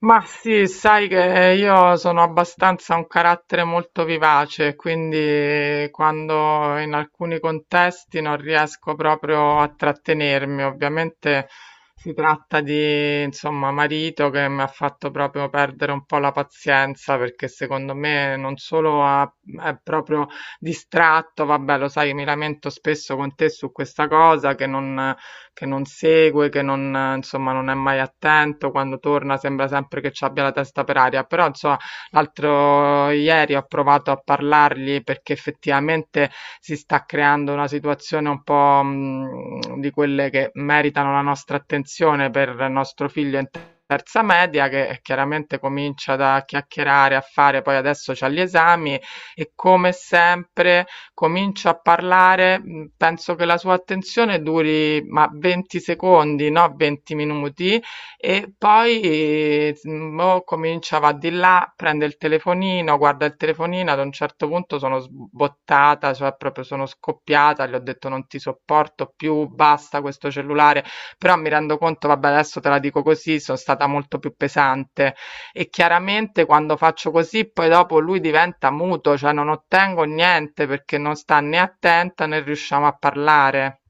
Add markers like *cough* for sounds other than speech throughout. Ma sì, sai che io sono abbastanza un carattere molto vivace, quindi quando in alcuni contesti non riesco proprio a trattenermi. Ovviamente si tratta di, insomma, marito che mi ha fatto proprio perdere un po' la pazienza, perché secondo me non solo è proprio distratto, vabbè, lo sai, mi lamento spesso con te su questa cosa, che non segue, che non, insomma, non è mai attento, quando torna sembra sempre che ci abbia la testa per aria. Però insomma, l'altro ieri ho provato a parlargli perché effettivamente si sta creando una situazione un po', di quelle che meritano la nostra attenzione, per il nostro figlio in terza media, che chiaramente comincia da chiacchierare, a fare, poi adesso c'ha gli esami. E come sempre, comincio a parlare, penso che la sua attenzione duri ma 20 secondi, no 20 minuti, e poi o comincia, va di là, prende il telefonino, guarda il telefonino, ad un certo punto sono sbottata, cioè proprio sono scoppiata, gli ho detto non ti sopporto più, basta questo cellulare. Però mi rendo conto, vabbè, adesso te la dico così, sono stata molto più pesante, e chiaramente quando faccio così poi dopo lui diventa muto, cioè non ottengo niente perché non sta né attenta né riusciamo a parlare.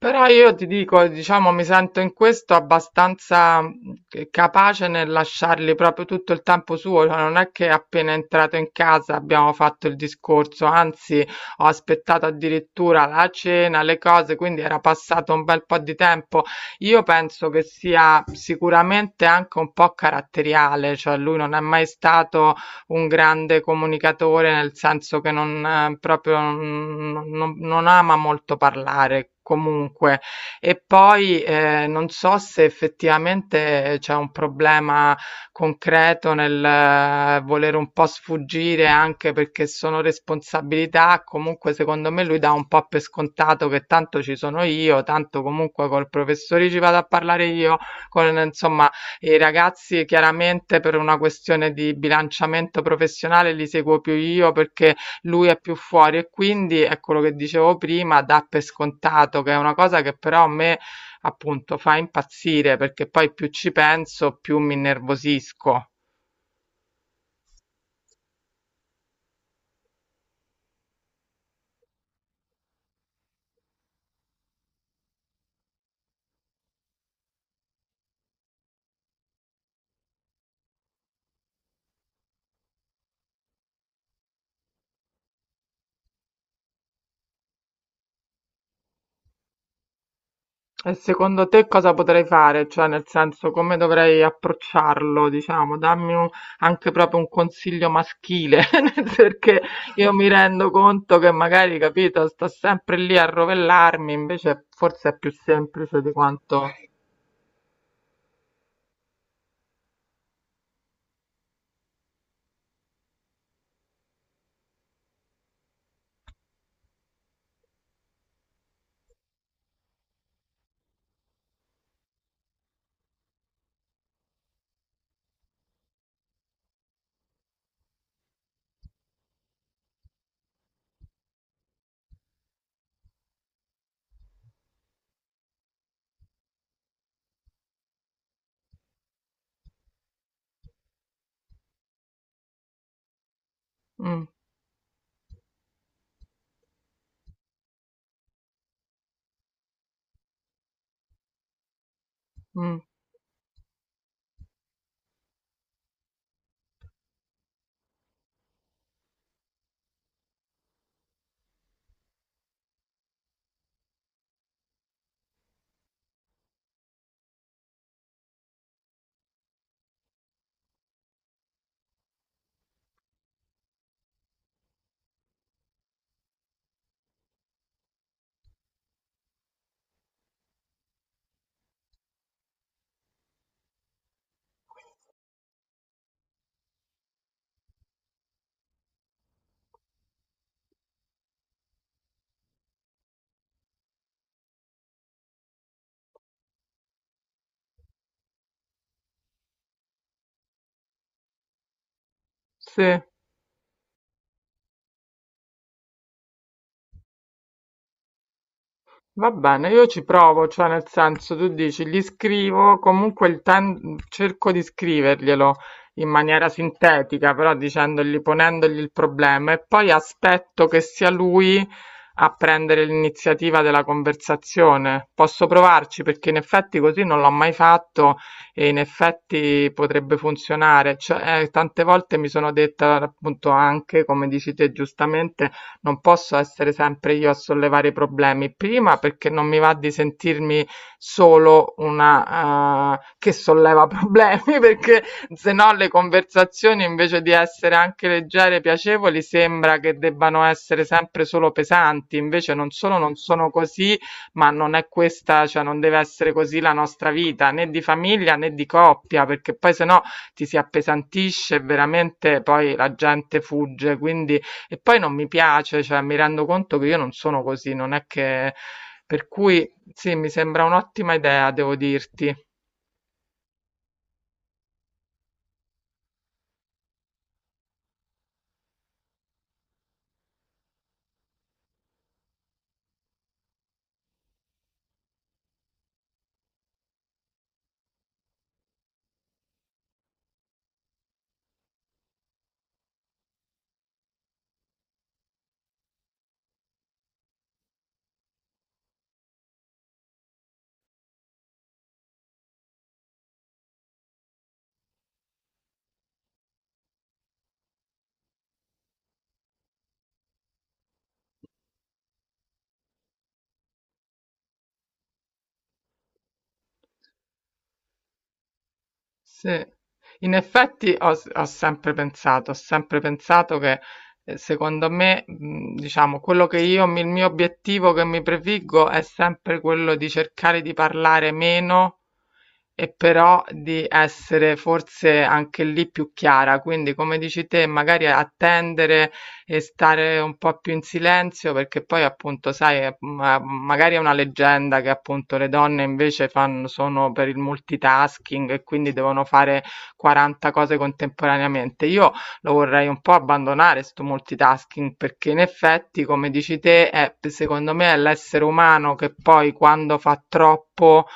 Però io ti dico, diciamo, mi sento in questo abbastanza, capace nel lasciargli proprio tutto il tempo suo, cioè non è che appena entrato in casa abbiamo fatto il discorso, anzi ho aspettato addirittura la cena, le cose, quindi era passato un bel po' di tempo. Io penso che sia sicuramente anche un po' caratteriale, cioè lui non è mai stato un grande comunicatore, nel senso che non proprio non ama molto parlare. Comunque, e poi non so se effettivamente c'è un problema concreto nel volere un po' sfuggire anche perché sono responsabilità. Comunque, secondo me, lui dà un po' per scontato che tanto ci sono io, tanto comunque col professore ci vado a parlare io, con, insomma, e i ragazzi chiaramente per una questione di bilanciamento professionale li seguo più io perché lui è più fuori, e quindi è quello che dicevo prima, dà per scontato, che è una cosa che però a me appunto fa impazzire, perché poi più ci penso, più mi innervosisco. E secondo te cosa potrei fare? Cioè, nel senso, come dovrei approcciarlo, diciamo? Dammi anche proprio un consiglio maschile, *laughs* perché io mi rendo conto che magari, capito, sto sempre lì a rovellarmi, invece forse è più semplice di quanto... Mm, mm, sì. Va bene, io ci provo, cioè nel senso tu dici, gli scrivo, comunque cerco di scriverglielo in maniera sintetica, però dicendogli, ponendogli il problema, e poi aspetto che sia lui a prendere l'iniziativa della conversazione. Posso provarci, perché in effetti così non l'ho mai fatto, e in effetti potrebbe funzionare. Cioè, tante volte mi sono detta appunto anche, come dici te giustamente, non posso essere sempre io a sollevare i problemi. Prima perché non mi va di sentirmi solo una, che solleva *laughs* problemi, perché se no le conversazioni invece di essere anche leggere e piacevoli sembra che debbano essere sempre solo pesanti, invece non solo non sono così, ma non è questa, cioè non deve essere così la nostra vita, né di famiglia né di coppia, perché poi se no ti si appesantisce e veramente poi la gente fugge, quindi. E poi non mi piace, cioè mi rendo conto che io non sono così, non è che... Per cui sì, mi sembra un'ottima idea, devo dirti. Sì. In effetti ho sempre pensato, ho sempre pensato che secondo me, diciamo, quello che io, il mio obiettivo che mi prefiggo è sempre quello di cercare di parlare meno, e però di essere forse anche lì più chiara. Quindi, come dici te, magari attendere e stare un po' più in silenzio, perché poi appunto, sai, magari è una leggenda che appunto le donne invece fanno, sono per il multitasking, e quindi devono fare 40 cose contemporaneamente. Io lo vorrei un po' abbandonare sto multitasking, perché in effetti, come dici te, secondo me è l'essere umano che poi, quando fa troppo,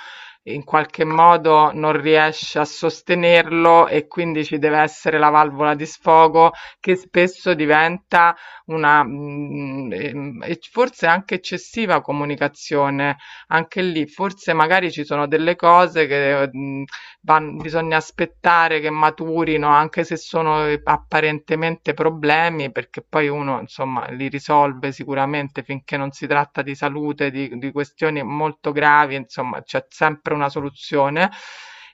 in qualche modo non riesce a sostenerlo, e quindi ci deve essere la valvola di sfogo, che spesso diventa una, e forse anche eccessiva, comunicazione. Anche lì, forse magari ci sono delle cose che, van bisogna aspettare che maturino, anche se sono, apparentemente problemi, perché poi uno, insomma, li risolve sicuramente, finché non si tratta di salute, di questioni molto gravi, insomma, c'è sempre una soluzione.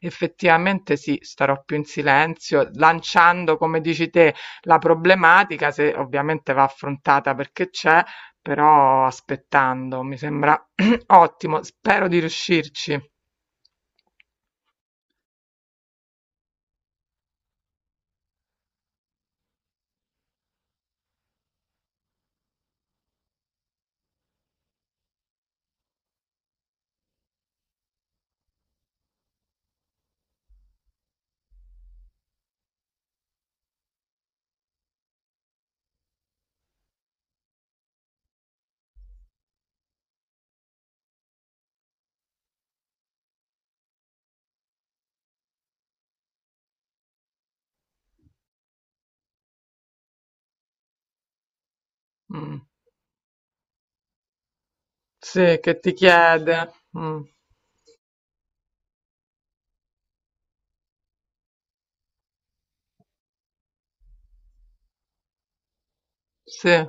Effettivamente sì, starò più in silenzio, lanciando, come dici te, la problematica se ovviamente va affrontata perché c'è, però aspettando, mi sembra *clears throat* ottimo. Spero di riuscirci. Mm. Sì, che ti chiede. Mm. Sì,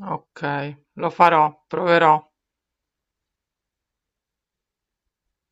ok, lo farò, proverò.